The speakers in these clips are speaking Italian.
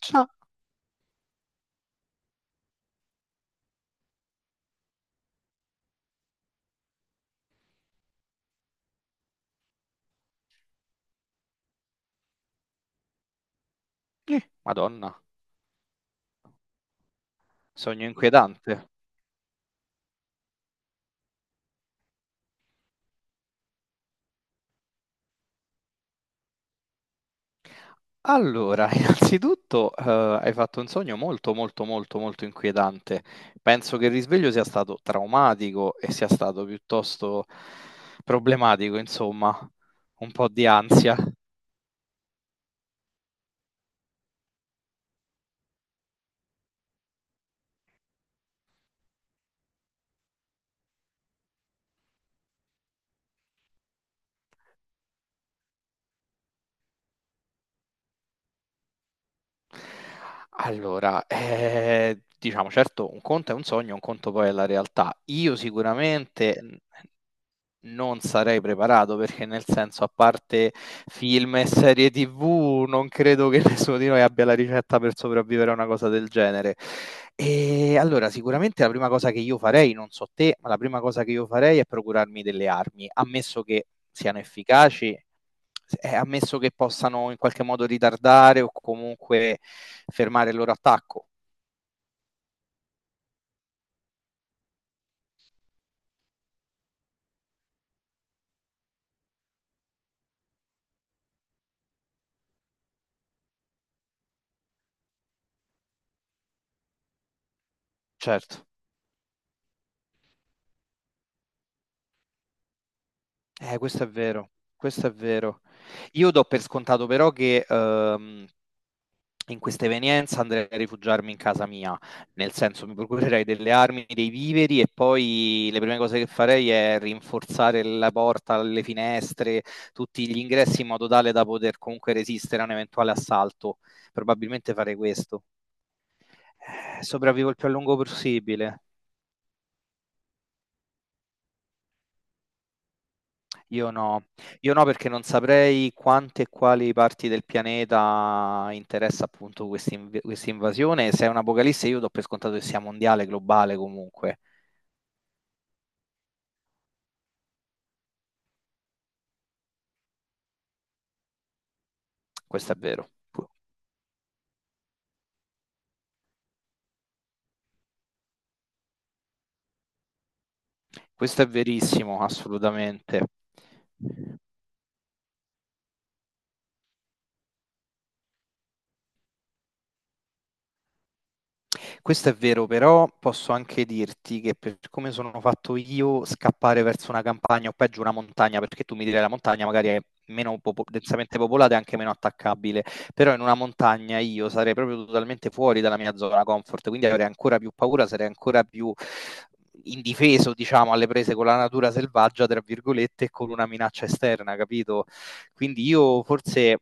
Ciao. Madonna, sogno inquietante. Allora, innanzitutto, hai fatto un sogno molto inquietante. Penso che il risveglio sia stato traumatico e sia stato piuttosto problematico, insomma, un po' di ansia. Allora, diciamo, certo, un conto è un sogno, un conto poi è la realtà. Io sicuramente non sarei preparato perché nel senso, a parte film e serie TV, non credo che nessuno di noi abbia la ricetta per sopravvivere a una cosa del genere. E allora, sicuramente la prima cosa che io farei, non so te, ma la prima cosa che io farei è procurarmi delle armi, ammesso che siano efficaci ammesso che possano in qualche modo ritardare o comunque fermare il loro attacco. Certo, questo è vero, questo è vero. Io do per scontato però che in questa evenienza andrei a rifugiarmi in casa mia, nel senso mi procurerei delle armi, dei viveri e poi le prime cose che farei è rinforzare la porta, le finestre, tutti gli ingressi in modo tale da poter comunque resistere a un eventuale assalto. Probabilmente farei questo. Sopravvivo il più a lungo possibile. Io no, io no perché non saprei quante e quali parti del pianeta interessa appunto questa questa invasione. Se è un'apocalisse, io do per scontato che sia mondiale, globale comunque. Questo è vero. Questo è verissimo, assolutamente. Questo è vero, però posso anche dirti che per come sono fatto io, scappare verso una campagna o peggio una montagna, perché tu mi direi la montagna magari è densamente popolata e anche meno attaccabile, però in una montagna io sarei proprio totalmente fuori dalla mia zona comfort, quindi avrei ancora più paura, sarei ancora più indifeso, diciamo, alle prese con la natura selvaggia, tra virgolette, e con una minaccia esterna, capito? Quindi io forse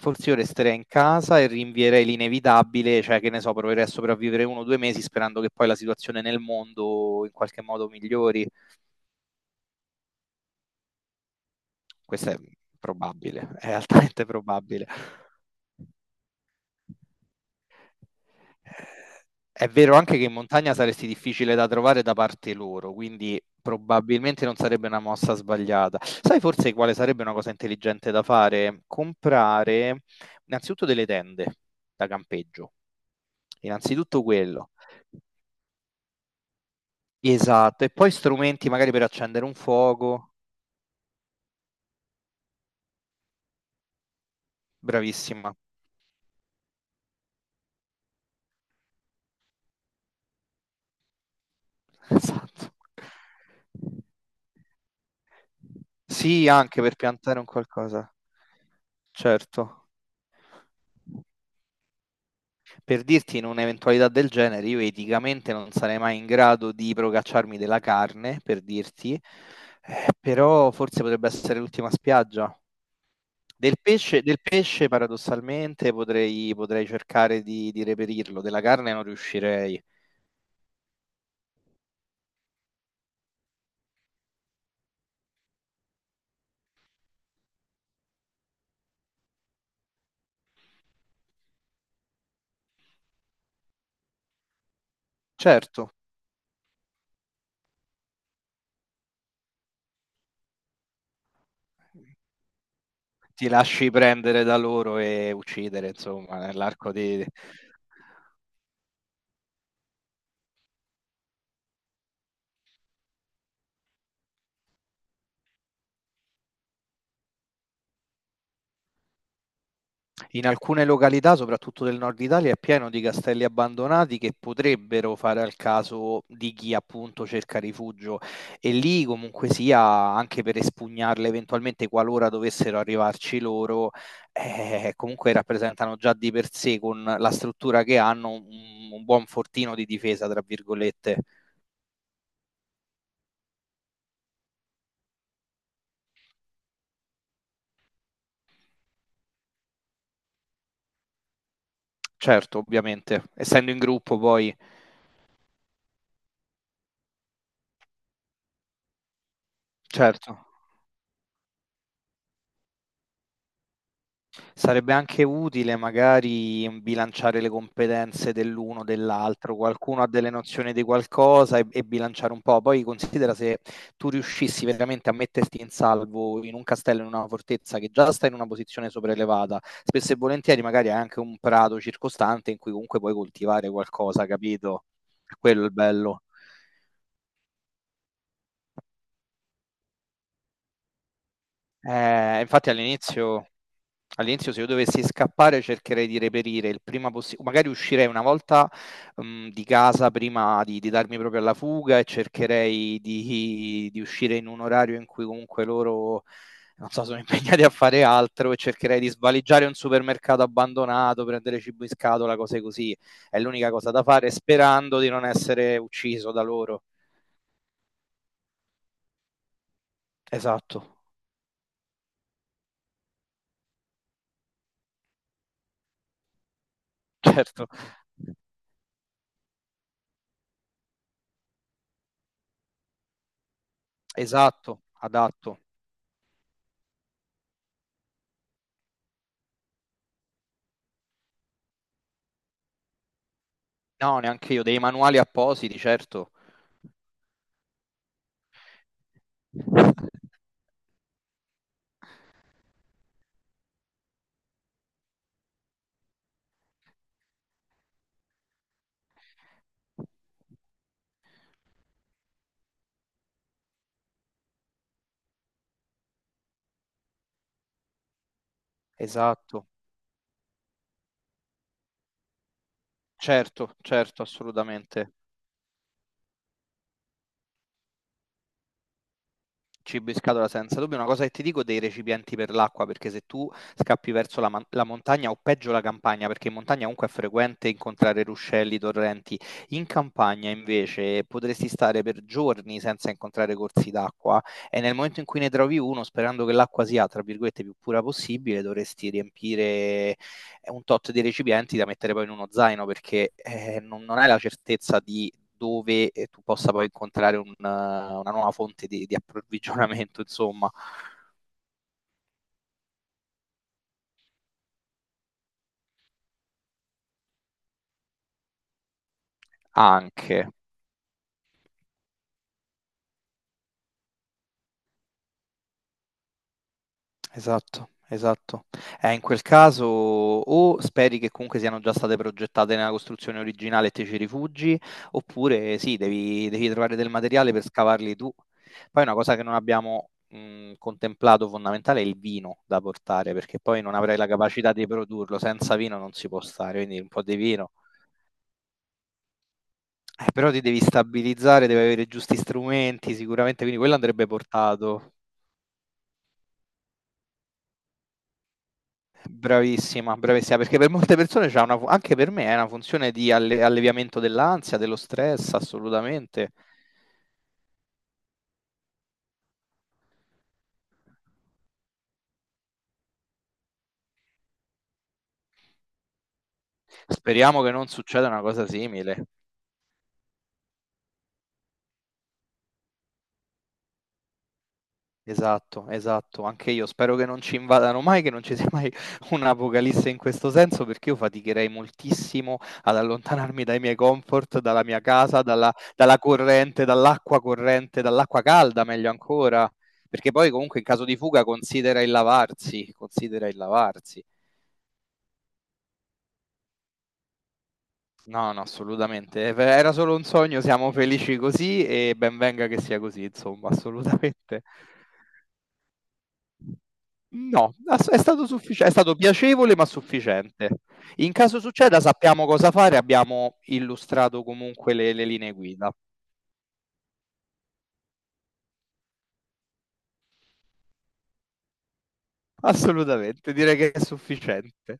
Forse io resterei in casa e rinvierei l'inevitabile, cioè che ne so, proverei a sopravvivere 1 o 2 mesi sperando che poi la situazione nel mondo in qualche modo migliori. Questo è probabile, è altamente probabile. Eh, È vero anche che in montagna saresti difficile da trovare da parte loro, quindi probabilmente non sarebbe una mossa sbagliata. Sai forse quale sarebbe una cosa intelligente da fare? Comprare innanzitutto delle tende da campeggio. Innanzitutto quello. Esatto, e poi strumenti magari per accendere un fuoco. Bravissima. Esatto. Sì, anche per piantare un qualcosa. Certo. Per dirti, in un'eventualità del genere, io eticamente non sarei mai in grado di procacciarmi della carne, per dirti, però forse potrebbe essere l'ultima spiaggia. Del pesce paradossalmente potrei cercare di reperirlo, della carne non riuscirei. Certo. Ti lasci prendere da loro e uccidere, insomma, nell'arco di... In alcune località, soprattutto del nord Italia, è pieno di castelli abbandonati che potrebbero fare al caso di chi appunto cerca rifugio e lì comunque sia, anche per espugnarle eventualmente qualora dovessero arrivarci loro, comunque rappresentano già di per sé con la struttura che hanno un buon fortino di difesa, tra virgolette. Certo, ovviamente, essendo in gruppo poi, certo. Sarebbe anche utile magari bilanciare le competenze dell'uno o dell'altro, qualcuno ha delle nozioni di qualcosa e bilanciare un po'. Poi considera se tu riuscissi veramente a metterti in salvo in un castello, in una fortezza che già sta in una posizione sopraelevata, spesso e volentieri magari hai anche un prato circostante in cui comunque puoi coltivare qualcosa, capito? Quello è il bello. Infatti all'inizio, all'inizio se io dovessi scappare cercherei di reperire il prima possibile, magari uscirei una volta di casa prima di darmi proprio alla fuga e cercherei di uscire in un orario in cui comunque loro, non so, sono impegnati a fare altro e cercherei di svaligiare un supermercato abbandonato, prendere cibo in scatola, cose così. È l'unica cosa da fare sperando di non essere ucciso da loro. Esatto, certo, esatto, adatto. No, neanche io, dei manuali appositi, certo. Esatto, certo, certo, assolutamente. Cibo in scatola senza dubbio. Una cosa che ti dico dei recipienti per l'acqua, perché se tu scappi verso la, la montagna o peggio la campagna, perché in montagna comunque è frequente incontrare ruscelli, torrenti, in campagna invece potresti stare per giorni senza incontrare corsi d'acqua e nel momento in cui ne trovi uno, sperando che l'acqua sia, tra virgolette, più pura possibile, dovresti riempire è un tot di recipienti da mettere poi in uno zaino perché non hai la certezza di dove tu possa poi incontrare una nuova fonte di approvvigionamento, insomma, anche. Esatto, esatto. In quel caso o speri che comunque siano già state progettate nella costruzione originale e te ci rifugi, oppure sì, devi trovare del materiale per scavarli tu. Poi una cosa che non abbiamo contemplato fondamentale è il vino da portare, perché poi non avrai la capacità di produrlo, senza vino non si può stare, quindi un po' di vino. Però ti devi stabilizzare, devi avere i giusti strumenti sicuramente, quindi quello andrebbe portato. Bravissima, bravissima, perché per molte persone anche per me è una funzione di alleviamento dell'ansia, dello stress, assolutamente. Speriamo che non succeda una cosa simile. Esatto, esatto, anche io spero che non ci invadano mai, che non ci sia mai un'apocalisse in questo senso, perché io faticherei moltissimo ad allontanarmi dai miei comfort, dalla mia casa, dalla, dalla corrente, dall'acqua calda, meglio ancora, perché poi comunque in caso di fuga considera il lavarsi, considera il lavarsi. No, no, assolutamente. Era solo un sogno, siamo felici così e ben venga che sia così, insomma, assolutamente. No, è stato è stato piacevole ma sufficiente. In caso succeda sappiamo cosa fare, abbiamo illustrato comunque le linee guida. Assolutamente, direi che è sufficiente.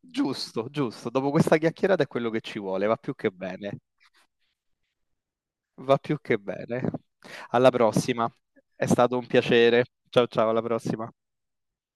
Giusto, giusto. Dopo questa chiacchierata è quello che ci vuole, va più che bene. Va più che bene. Alla prossima. È stato un piacere. Ciao ciao, alla prossima.